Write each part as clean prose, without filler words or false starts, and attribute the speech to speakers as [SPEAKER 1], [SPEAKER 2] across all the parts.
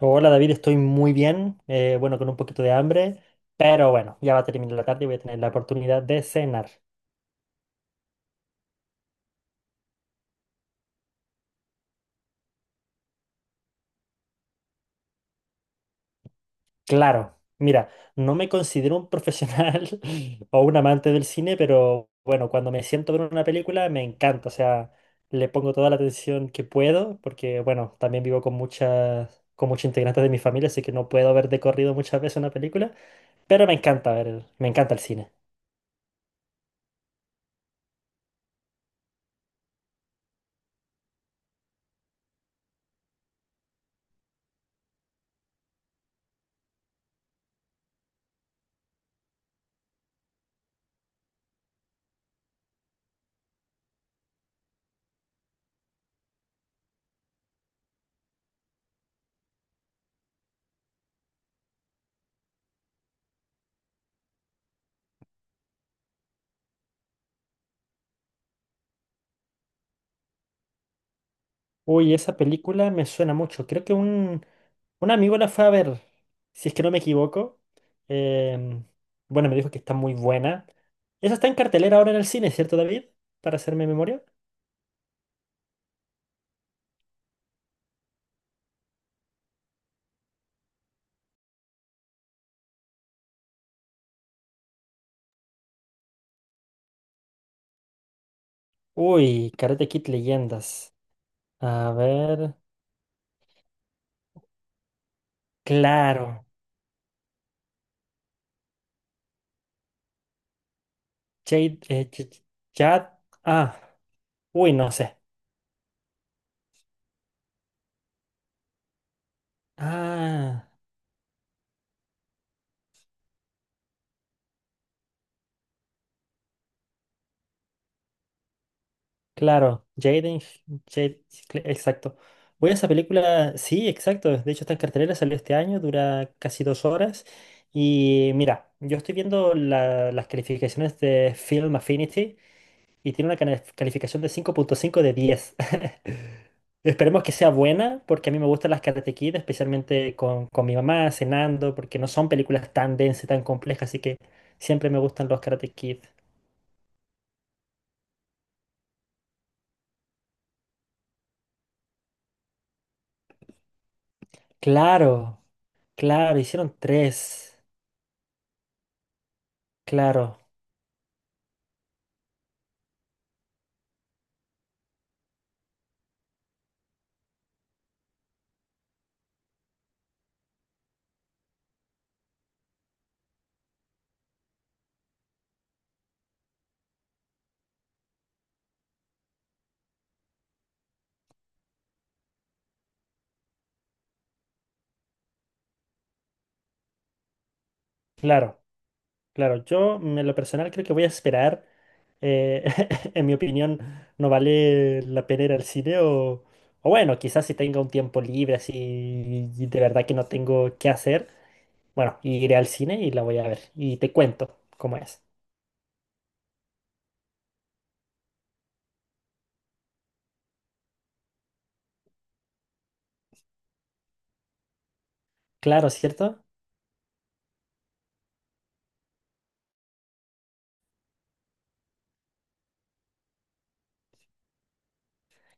[SPEAKER 1] Hola David, estoy muy bien, bueno, con un poquito de hambre, pero bueno, ya va a terminar la tarde y voy a tener la oportunidad de cenar. Claro, mira, no me considero un profesional o un amante del cine, pero bueno, cuando me siento a ver una película me encanta, o sea, le pongo toda la atención que puedo, porque bueno, también vivo con con muchos integrantes de mi familia, así que no puedo ver de corrido muchas veces una película, pero me encanta ver, me encanta el cine. Uy, esa película me suena mucho. Creo que un amigo la fue a ver, si es que no me equivoco. Em, bueno, me dijo que está muy buena. Esa está en cartelera ahora en el cine, ¿cierto, David? Para hacerme memoria. Uy, Karate Kid Leyendas. A ver. Claro. Jade. Jad- Ah, no sé. Ah. Claro, Jade- exacto. Voy a esa película, sí, exacto. De hecho, está en cartelera, salió este año, dura casi dos horas. Y mira, yo estoy viendo las calificaciones de Film Affinity y tiene una calificación de cinco punto cinco de 10. Esperemos que sea buena, porque a mí me gustan las Karate Kid, especialmente con mi mamá, cenando, porque no son películas tan densas, tan complejas, así que siempre me gustan los Karate Kid. Claro, claro, hicieron tres. Claro, claro, claro. Yo, mm, en lo personal, creo que voy a esperar. Eh, en mi opinión, no vale la pena ir al cine o bueno, quizás si tenga un tiempo libre, así y de verdad que no tengo qué hacer, bueno, iré al cine y la voy a ver y te cuento cómo es. Claro, ¿cierto?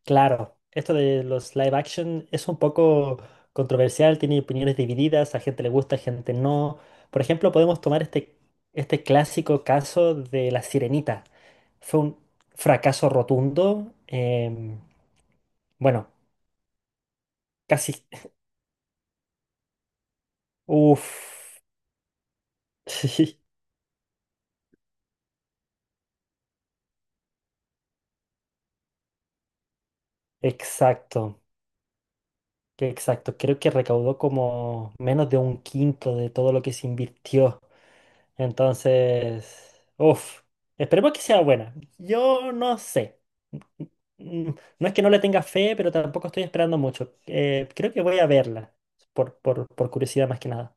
[SPEAKER 1] Claro, esto de los live action es un poco controversial, tiene opiniones divididas, a gente le gusta, a gente no. Por ejemplo, podemos tomar este clásico caso de La Sirenita. Fue un fracaso rotundo. Bueno, casi... Uf, sí, exacto. Que exacto, creo que recaudó como menos de un quinto de todo lo que se invirtió. Entonces, uff, esperemos que sea buena. Yo no sé. Mm, mm, no es que no le tenga fe, pero tampoco estoy esperando mucho. Creo que voy a verla, por curiosidad más que nada.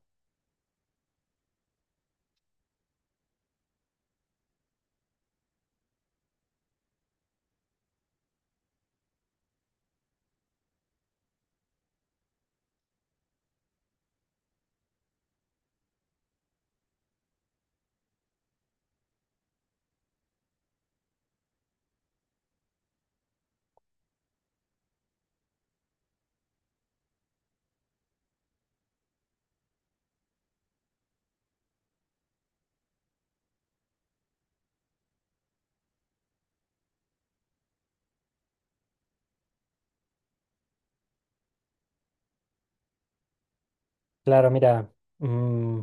[SPEAKER 1] Claro, mira, mm,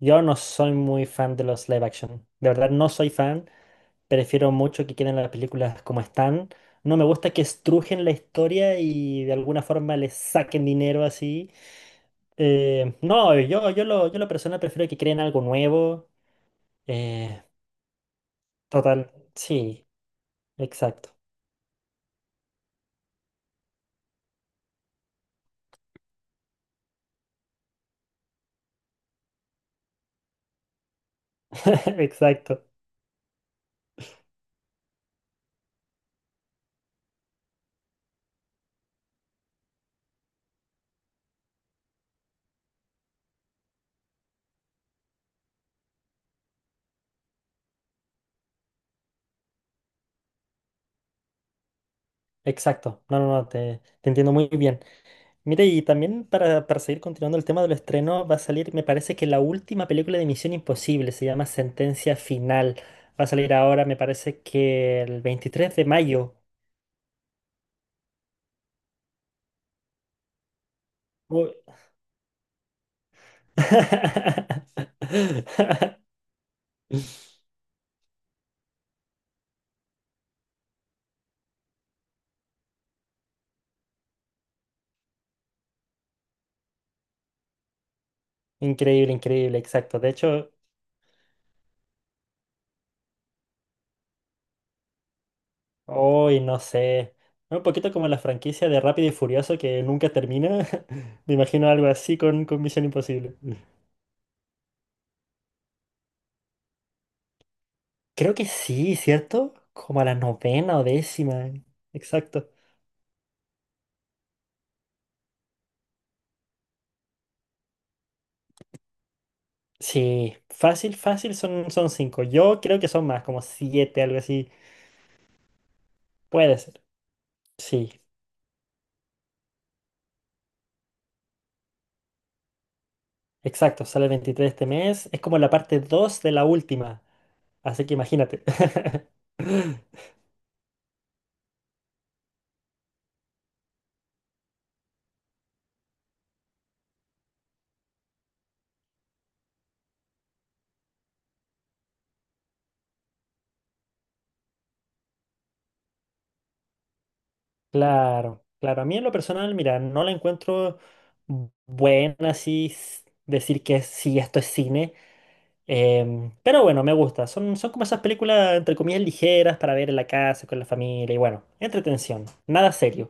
[SPEAKER 1] yo no soy muy fan de los live action. De verdad, no soy fan. Prefiero mucho que queden las películas como están. No me gusta que estrujen la historia y de alguna forma les saquen dinero así. No, yo lo personal prefiero que creen algo nuevo. eh, Total, sí, exacto, exacto, exacto. No, no, no, te entiendo muy bien. Mire, y también para seguir continuando el tema del estreno, va a salir, me parece que la última película de Misión Imposible se llama Sentencia Final. Va a salir ahora, me parece que el 23 de mayo. Uy. Increíble, increíble, exacto. De hecho, hoy no sé. Un poquito como la franquicia de Rápido y Furioso que nunca termina. Me imagino algo así con Misión Imposible. Creo que sí, ¿cierto? Como a la novena o décima. Exacto. Sí, fácil, fácil son cinco. Yo creo que son más, como siete, algo así. Puede ser. Sí, exacto. Sale el veintitrés de este mes. Es como la parte 2 de la última. Así que imagínate. Claro, claro. A mí en lo personal, mira, no la encuentro buena así decir que sí, esto es cine. Pero bueno, me gusta. Son como esas películas, entre comillas, ligeras para ver en la casa, con la familia y bueno, entretención. Nada serio.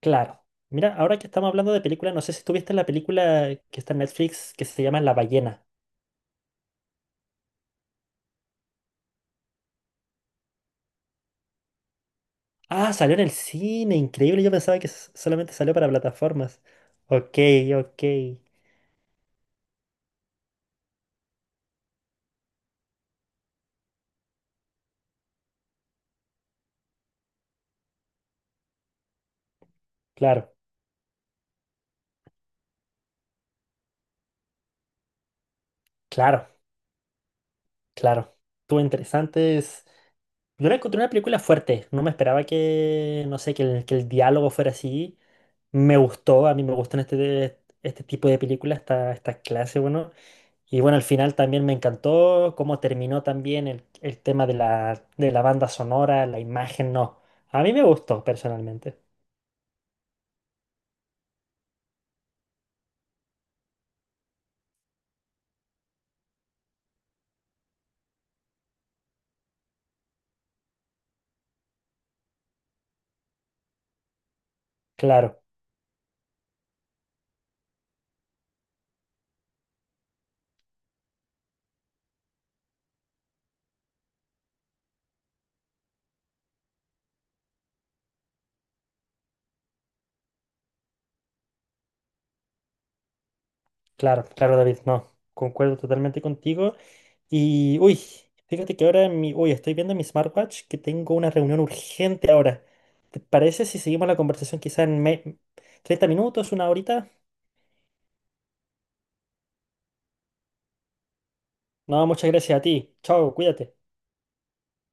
[SPEAKER 1] Claro. Mira, ahora que estamos hablando de películas, no sé si tuviste la película que está en Netflix que se llama La Ballena. Ah, salió en el cine, increíble. Yo pensaba que solamente salió para plataformas. Ok, ok. Claro. Claro, claro. Estuvo interesante. Yo la encontré una película fuerte. No me esperaba que, no sé, que el diálogo fuera así. Me gustó, a mí me gustan este tipo de películas, esta clase, bueno. Y bueno, al final también me encantó cómo terminó también el tema de de la banda sonora, la imagen, no. A mí me gustó personalmente. Claro, claro, David, no. Concuerdo totalmente contigo. Y, uy, fíjate que ahora estoy viendo mi smartwatch que tengo una reunión urgente ahora. ¿Te parece si seguimos la conversación quizá en 30 minutos, una horita? No, muchas gracias a ti. Chao, cuídate.